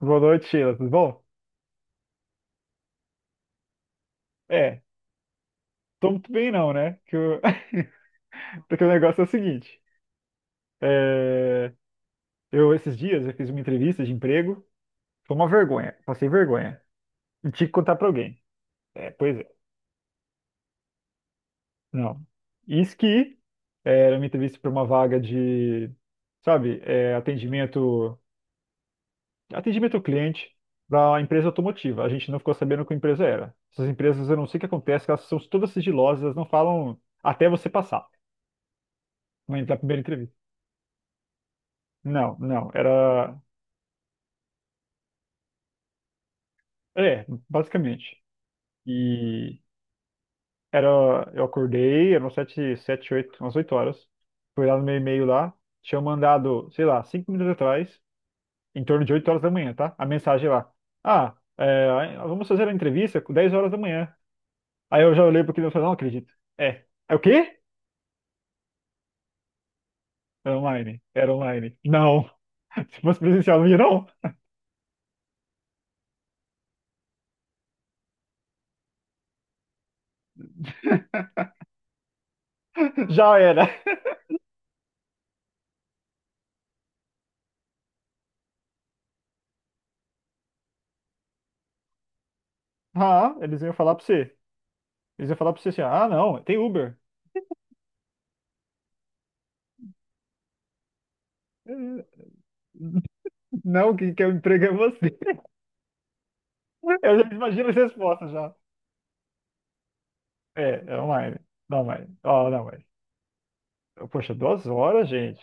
Boa noite, Sheila. Tudo bom? É, Tô muito bem não, né? Que eu- Porque o negócio é o seguinte. é, Eu, esses dias, eu fiz uma entrevista de emprego. Foi uma vergonha. Passei vergonha. E tinha que contar pra alguém. É, pois é. Não. Isso que era uma entrevista pra uma vaga de, sabe, é, atendimento. Atendimento ao cliente da empresa automotiva. A gente não ficou sabendo qual empresa era. Essas empresas, eu não sei o que acontece, que elas são todas sigilosas, elas não falam até você passar. Na primeira entrevista. Não, não, era. É, basicamente. E era. Eu acordei, eram sete, sete, oito, umas 8 horas. Fui lá no meu e-mail lá, tinha mandado, sei lá, 5 minutos atrás, em torno de 8 horas da manhã, tá? A mensagem lá. Ah, é, vamos fazer a entrevista com 10 horas da manhã. Aí eu já olhei pro cliente e falei, não acredito. É. É o quê? Era online. Era online. Não. Se fosse presencial, não ia, não. Já era. Ah, eles iam falar pra você. Eles iam falar pra você assim, ah, não, tem Uber. Eh, Não, quem quer o emprego é você. Eu já imagino as respostas já. É, é online. Não, mais. Ó, não, mais. Poxa, 2 horas, gente.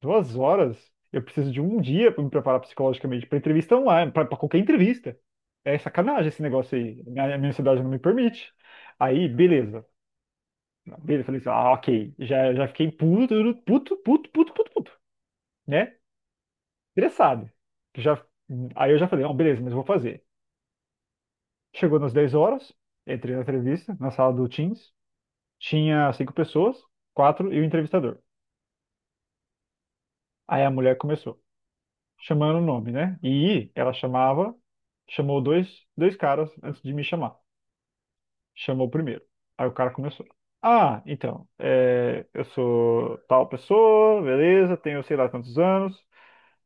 2 horas? Eu preciso de um dia para me preparar psicologicamente para entrevista online, pra qualquer entrevista. É sacanagem esse negócio aí. A minha cidade não me permite. Aí, beleza. Beleza, falei assim, ah, ok. Já, já fiquei puto, puto, puto, puto, puto, puto, né? Interessado. Já, aí eu já falei, não, beleza, mas eu vou fazer. Chegou nas 10 horas, entrei na entrevista, na sala do Teams. Tinha cinco pessoas, quatro e o entrevistador. Aí a mulher começou, chamando o nome, né? E ela chamava, chamou dois caras antes de me chamar. Chamou o primeiro. Aí o cara começou. Ah, então, é, eu sou tal pessoa, beleza, tenho sei lá quantos anos.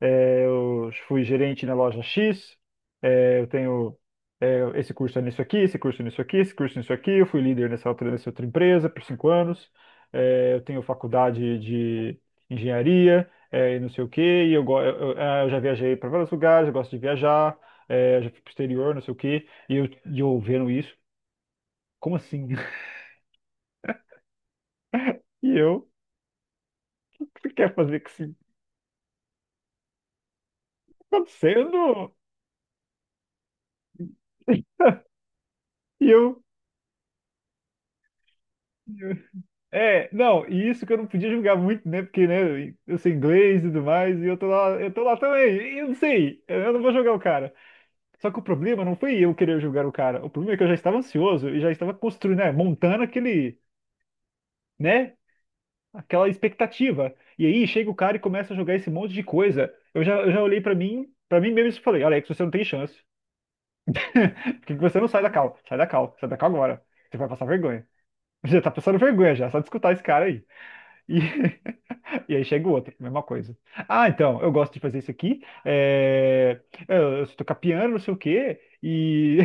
É, eu fui gerente na loja X, é, eu tenho é, esse curso é nisso aqui, esse curso é nisso aqui, esse curso é nisso aqui. Eu fui líder nessa outra empresa por 5 anos. É, eu tenho faculdade de engenharia é, e não sei o quê. E eu, eu já viajei para vários lugares, eu gosto de viajar, é, já fui para o exterior, não sei o quê. E eu vendo isso, como assim? E eu, o que você quer fazer com isso? Tá acontecendo? E eu. É, não, e isso que eu não podia julgar muito, né? Porque, né, eu sei inglês e tudo mais, e eu tô lá também, e eu não sei, eu não vou julgar o cara. Só que o problema não foi eu querer julgar o cara, o problema é que eu já estava ansioso e já estava construindo, né, montando aquele, né, aquela expectativa. E aí chega o cara e começa a jogar esse monte de coisa. Eu já olhei pra mim mesmo e falei, Alex, você não tem chance. Porque você não sai da cal, sai da cal, sai da cal agora. Você vai passar vergonha. Você já tá passando vergonha já, só de escutar esse cara aí. E, e aí chega o outro, mesma coisa. Ah, então, eu gosto de fazer isso aqui. É. Eu tocar piano, não sei o quê, e,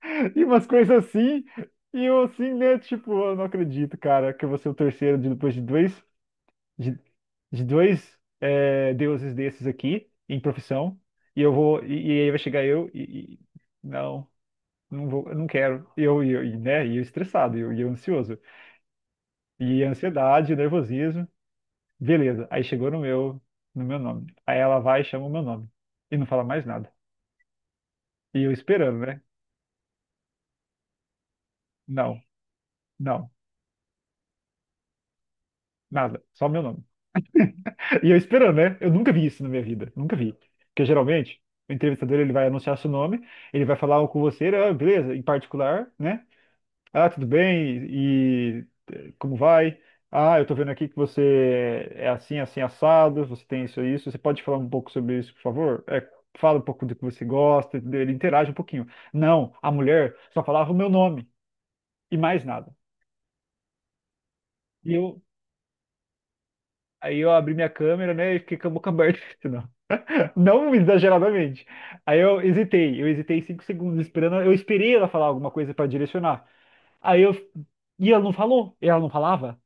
e umas coisas assim. E eu assim, né? Tipo, eu não acredito, cara, que eu vou ser o terceiro de, depois de, de dois é, deuses desses aqui, em profissão. E eu vou, e aí vai chegar eu e, não, não vou, eu não quero. E eu, e eu, e, né? E eu estressado, e eu ansioso. E ansiedade, nervosismo. Beleza. Aí chegou no meu, no meu nome. Aí ela vai e chama o meu nome. E não fala mais nada. E eu esperando, né? Não, não, nada. Só meu nome. E eu esperando, né? Eu nunca vi isso na minha vida. Nunca vi. Porque geralmente, o entrevistador ele vai anunciar seu nome, ele vai falar com você, ah, beleza, em particular, né? Ah, tudo bem? E como vai? Ah, eu tô vendo aqui que você é assim, assim, assado, você tem isso e isso. Você pode falar um pouco sobre isso, por favor? É, fala um pouco do que você gosta, entendeu? Ele interage um pouquinho. Não, a mulher só falava o meu nome e mais nada. E eu, aí eu abri minha câmera, né, e fiquei com a boca aberta, não, não exageradamente. Aí eu hesitei 5 segundos esperando, eu esperei ela falar alguma coisa para direcionar. Aí eu, e ela não falou, ela não falava.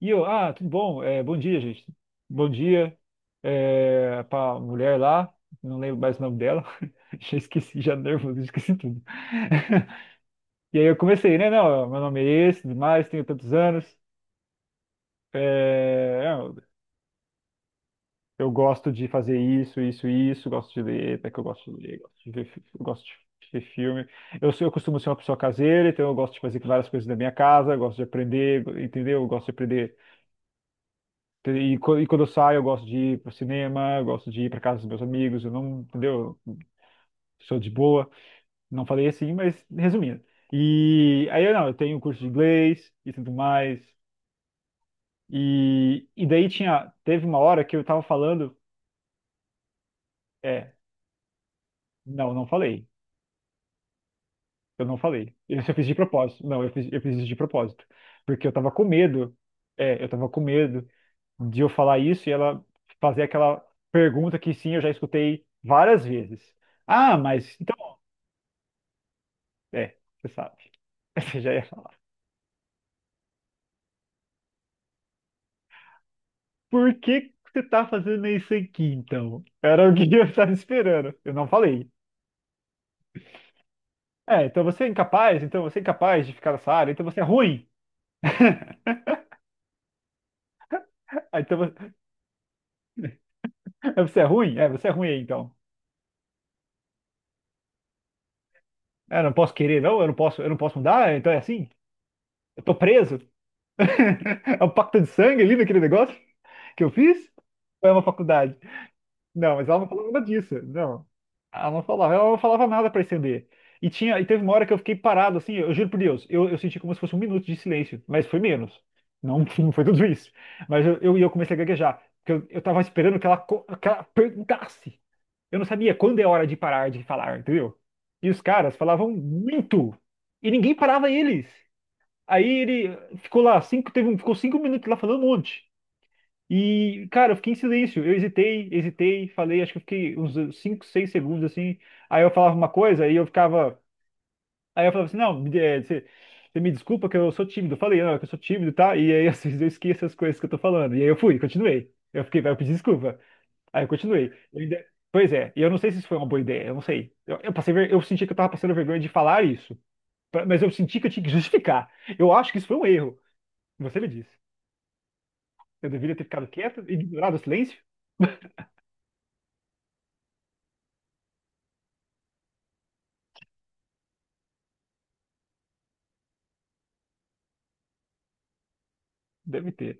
E eu, ah, tudo bom? É, bom dia, gente. Bom dia é, para mulher lá, não lembro mais o nome dela. Já esqueci, já nervoso, esqueci tudo. E aí eu comecei, né? Não, meu nome é esse, tudo mais, tenho tantos anos. é, eu eu gosto de fazer isso, isso, isso. Gosto de ler, até que eu gosto de ler, gosto de ver, eu gosto de ver filme. Eu costumo ser uma pessoa caseira, então eu gosto de fazer várias coisas da minha casa, eu gosto de aprender, entendeu? Eu gosto de aprender. E quando eu saio, eu gosto de ir pro cinema, eu gosto de ir pra casa dos meus amigos, eu não, entendeu? Eu sou de boa, não falei assim, mas resumindo. E aí eu não, eu tenho um curso de inglês e tudo mais. E daí tinha, teve uma hora que eu tava falando, é, não, não falei. Eu não falei. Isso eu fiz de propósito. Não, eu fiz isso de propósito. Porque eu tava com medo, eu tava com medo de eu falar isso e ela fazer aquela pergunta que sim, eu já escutei várias vezes. Ah, mas é, você sabe. Você já ia falar. Por que que você tá fazendo isso aqui, então? Era o que eu estava esperando. Eu não falei. É, então você é incapaz, então você é incapaz de ficar nessa área, então você é ruim. Ah, então você é ruim? É, você é ruim aí, então. É, eu não posso querer, não, eu não posso mudar, então é assim? Eu tô preso? É um pacto de sangue ali naquele negócio que eu fiz? Ou é uma faculdade? Não, mas ela não falava nada disso. Não. Ela não falava nada para estender. E tinha, e teve uma hora que eu fiquei parado, assim, eu juro por Deus, eu senti como se fosse um minuto de silêncio, mas foi menos. Não, não foi tudo isso. Mas eu, e eu comecei a gaguejar, porque eu tava esperando que ela, que ela perguntasse. Eu não sabia quando é hora de parar de falar, entendeu? E os caras falavam muito, e ninguém parava eles. Aí ele ficou lá, cinco, teve, ficou 5 minutos lá falando um monte. E, cara, eu fiquei em silêncio. Eu hesitei, hesitei, falei, acho que eu fiquei uns 5, 6 segundos assim. Aí eu falava uma coisa e eu ficava. Aí eu falava assim: não, é, você, você me desculpa que eu sou tímido. Eu falei, não, é que eu sou tímido, tá? E aí às vezes eu esqueço as coisas que eu tô falando. E aí eu fui, continuei. Eu fiquei, vai, eu pedi desculpa. Aí eu continuei. Pois é, e eu não sei se isso foi uma boa ideia, eu não sei. Eu passei, eu senti que eu tava passando vergonha de falar isso, mas eu senti que eu tinha que justificar. Eu acho que isso foi um erro. Você me disse. Eu deveria ter ficado quieto e ignorado o silêncio? Deve ter.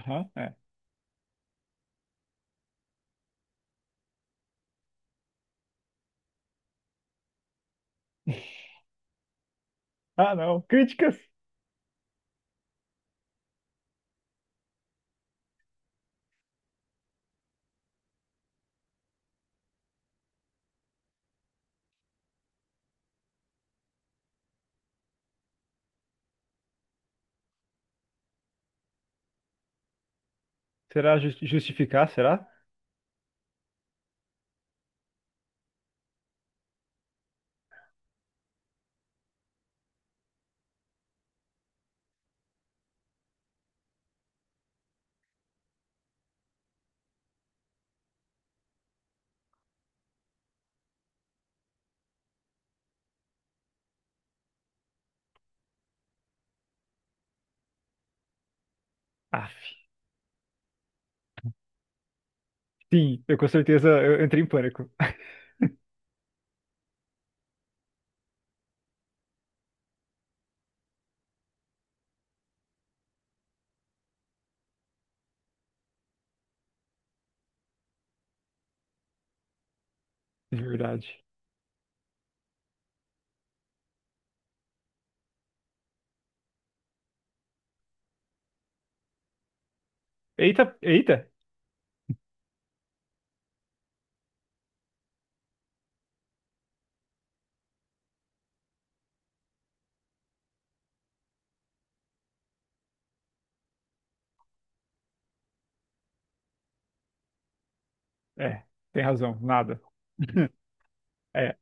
Aham, é. Ah, não. Críticas. Será justificar? Será? Aff. Sim, eu com certeza eu entrei em pânico. De verdade. Eita, eita. É, tem razão. Nada. É,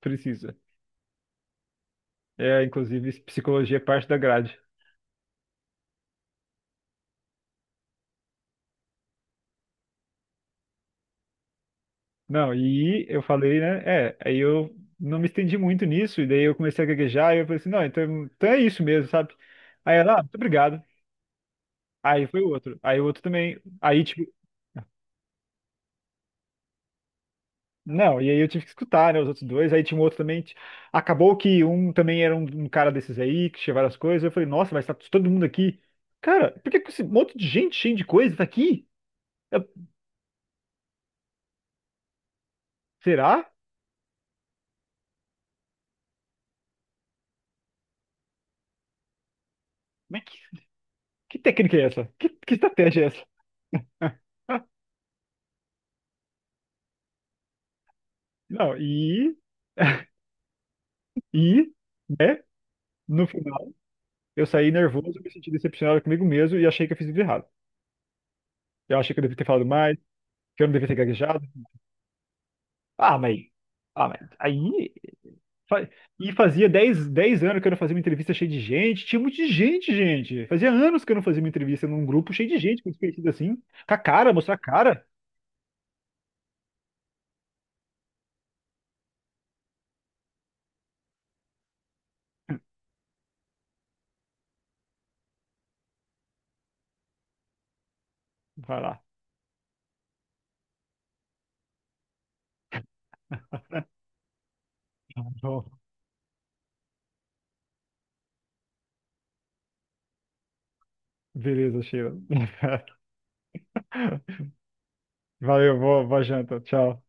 precisa. É, inclusive, psicologia é parte da grade. Não, e eu falei, né? É, aí eu não me estendi muito nisso, e daí eu comecei a gaguejar, e eu falei assim, não, então, então é isso mesmo, sabe? Aí ela, ah, muito obrigado. Aí foi o outro. Aí o outro também. Aí, tipo, não, e aí eu tive que escutar, né, os outros dois. Aí tinha um outro também. Acabou que um também era um, um cara desses aí, que tinha várias coisas. Eu falei, nossa, mas tá todo mundo aqui. Cara, por que que esse monte de gente cheio de coisa tá aqui? Eu- Será? Mas que técnica é essa? Que estratégia é essa? Não, e, né, no final, eu saí nervoso, me senti decepcionado comigo mesmo e achei que eu fiz tudo errado. Eu achei que eu devia ter falado mais, que eu não devia ter gaguejado. Ah, mas, ah, mas aí. Fa- E fazia dez anos que eu não fazia uma entrevista cheia de gente. Tinha muito de gente, gente. Fazia anos que eu não fazia uma entrevista num grupo cheio de gente, com os assim. Com a cara, mostrar a cara. Vai lá. Tá bom. Beleza, Sheila. Valeu, boa, boa janta. Tchau.